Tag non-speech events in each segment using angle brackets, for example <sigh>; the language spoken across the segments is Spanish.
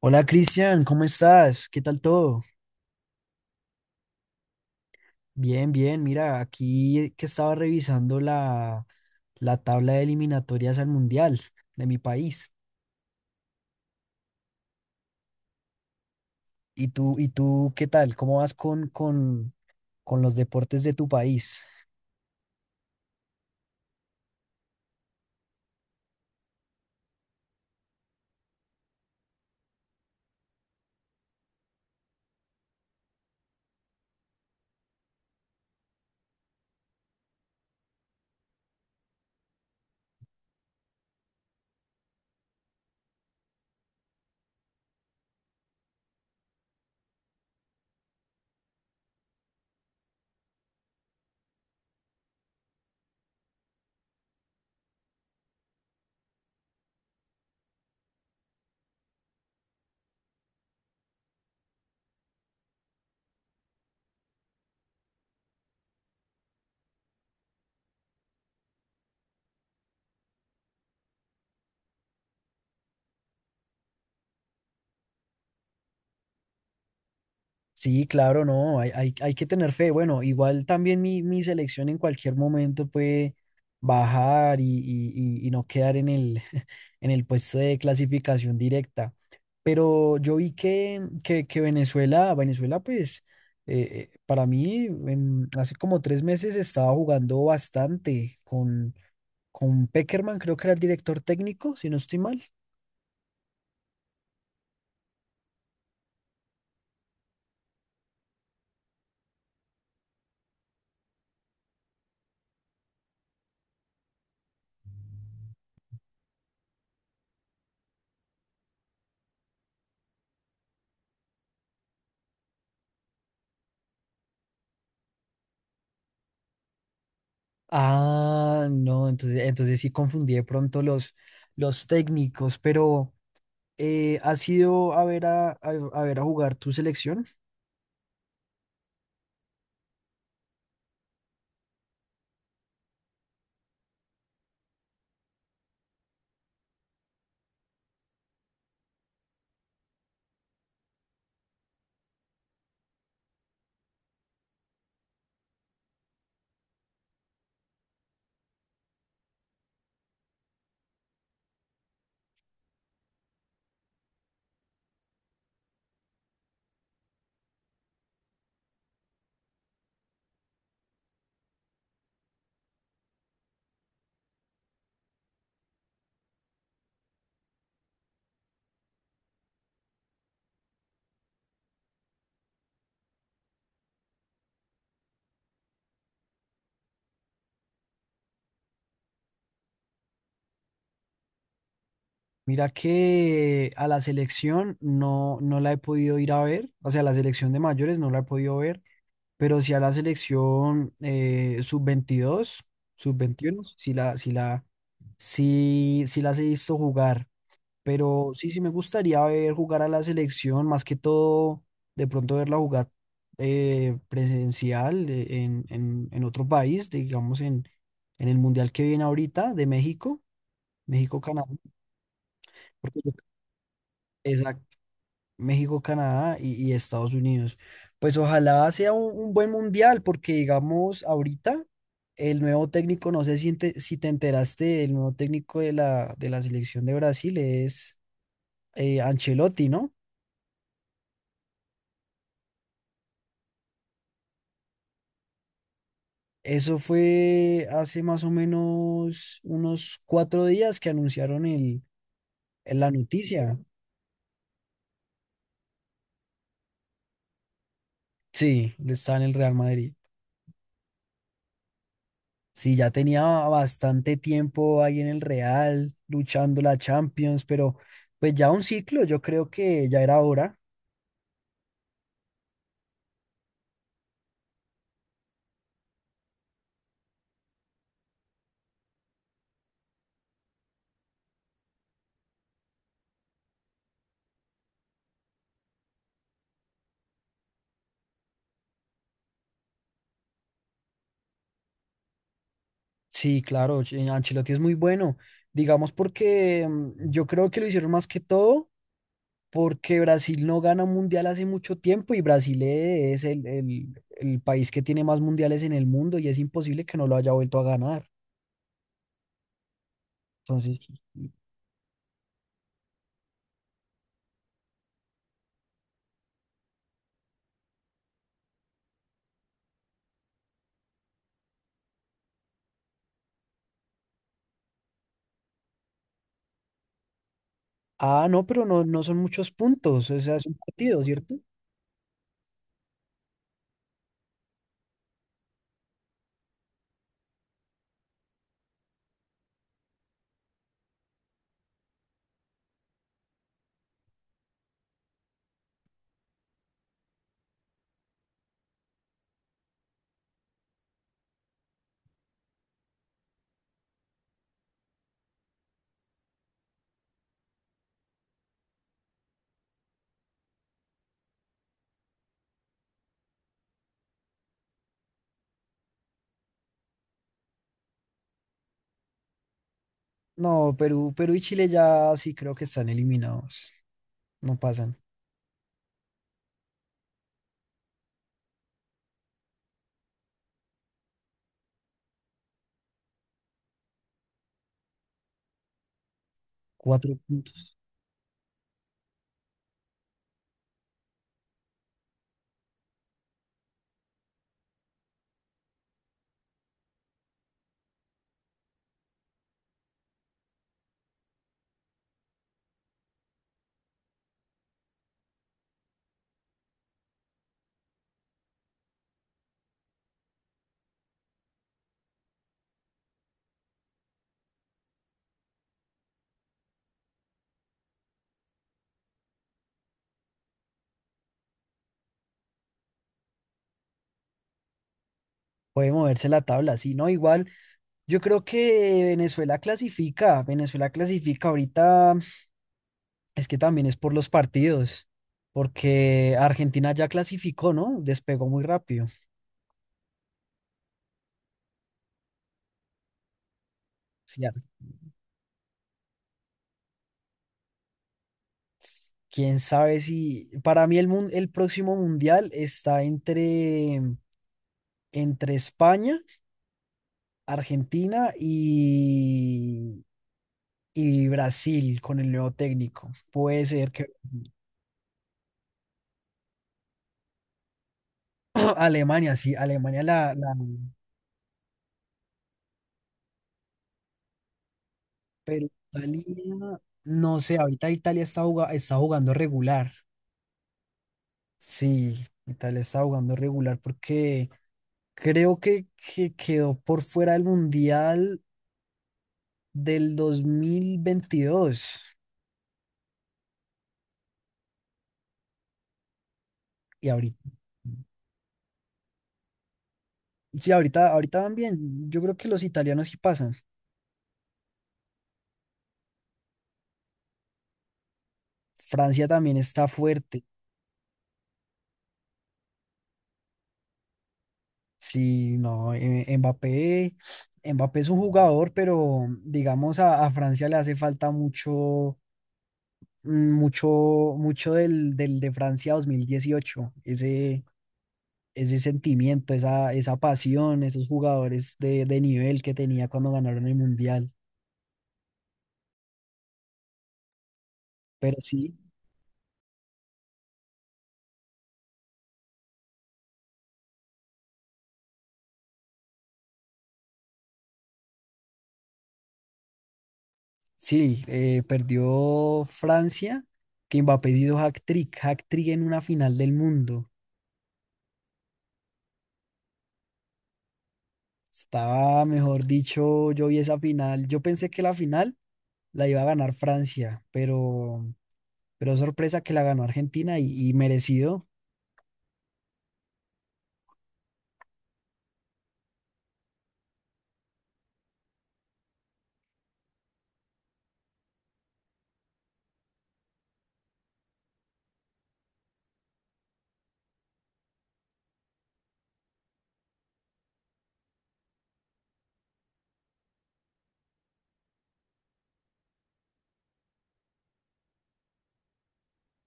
Hola Cristian, ¿cómo estás? ¿Qué tal todo? Bien, bien. Mira, aquí que estaba revisando la tabla de eliminatorias al Mundial de mi país. ¿Y tú qué tal? ¿Cómo vas con los deportes de tu país? Sí, claro, no, hay que tener fe. Bueno, igual también mi selección en cualquier momento puede bajar y no quedar <laughs> en el puesto de clasificación directa. Pero yo vi que Venezuela, pues, eh, para mí, hace como 3 meses estaba jugando bastante con Peckerman, creo que era el director técnico, si no estoy mal. Ah, no, entonces, entonces sí confundí de pronto los técnicos, pero ¿has ido a ver a jugar tu selección? Mira que a la selección no la he podido ir a ver, o sea, la selección de mayores no la he podido ver, pero sí a la selección sub-21 sí las he visto jugar. Pero sí me gustaría ver jugar a la selección, más que todo, de pronto verla jugar presencial, en otro país, digamos en el Mundial que viene ahorita de México, México-Canadá, porque yo- exacto, México-Canadá y Estados Unidos. Pues ojalá sea un buen mundial, porque digamos ahorita el nuevo técnico, no sé si te, si te enteraste, el nuevo técnico de la selección de Brasil es, Ancelotti, ¿no? Eso fue hace más o menos unos 4 días que anunciaron la noticia. Sí, está en el Real Madrid. Sí, ya tenía bastante tiempo ahí en el Real, luchando la Champions, pero pues ya un ciclo, yo creo que ya era hora. Sí, claro, Ancelotti es muy bueno, digamos porque yo creo que lo hicieron más que todo porque Brasil no gana un mundial hace mucho tiempo y Brasil es el país que tiene más mundiales en el mundo y es imposible que no lo haya vuelto a ganar. Entonces, ah, no, pero no son muchos puntos, o sea, es un partido, ¿cierto? No, Perú y Chile ya sí creo que están eliminados, no pasan. Cuatro puntos. Puede moverse la tabla, sí, ¿no? Igual, yo creo que Venezuela clasifica ahorita. Es que también es por los partidos, porque Argentina ya clasificó, ¿no? Despegó muy rápido. Sí, ya, quién sabe si. Para mí, el, el próximo mundial está entre, entre España, Argentina y Brasil con el nuevo técnico. Puede ser que <clears throat> Alemania, sí, Alemania la, la- Pero Italia, no sé, ahorita Italia está jugando regular. Sí, Italia está jugando regular porque creo que quedó por fuera del Mundial del 2022. Y ahorita, sí, ahorita, ahorita van bien. Yo creo que los italianos sí pasan. Francia también está fuerte. Sí, no, Mbappé es un jugador, pero digamos a Francia le hace falta mm, mucho, mucho del de Francia 2018. Ese sentimiento, esa pasión, esos jugadores de nivel que tenía cuando ganaron el Mundial. Pero sí, perdió Francia, que Mbappé hizo hat-trick en una final del mundo. Estaba, mejor dicho, yo vi esa final. Yo pensé que la final la iba a ganar Francia, pero sorpresa que la ganó Argentina y merecido.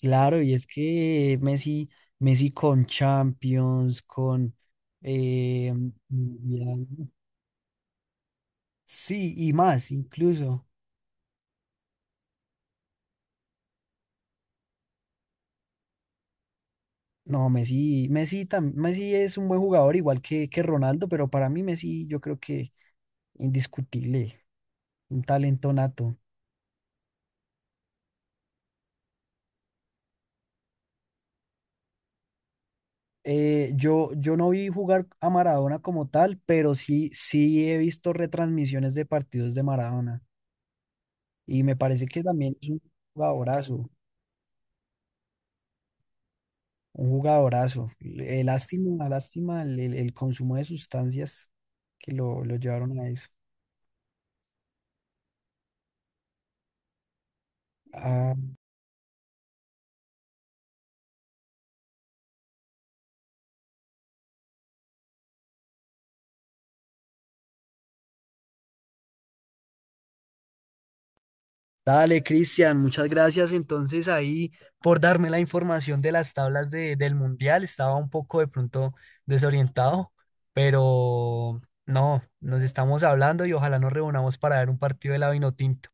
Claro, y es que Messi, Messi con Champions, con... eh, Mundial, sí, y más incluso. No, Messi es un buen jugador, igual que Ronaldo, pero para mí Messi yo creo que indiscutible, un talento nato. Yo no vi jugar a Maradona como tal, pero sí he visto retransmisiones de partidos de Maradona y me parece que también es un jugadorazo, un jugadorazo. Lástima, lástima el consumo de sustancias que lo llevaron a eso. Ah, Dale, Cristian, muchas gracias entonces ahí por darme la información de las tablas del Mundial. Estaba un poco de pronto desorientado, pero no, nos estamos hablando y ojalá nos reunamos para ver un partido de la Vinotinto.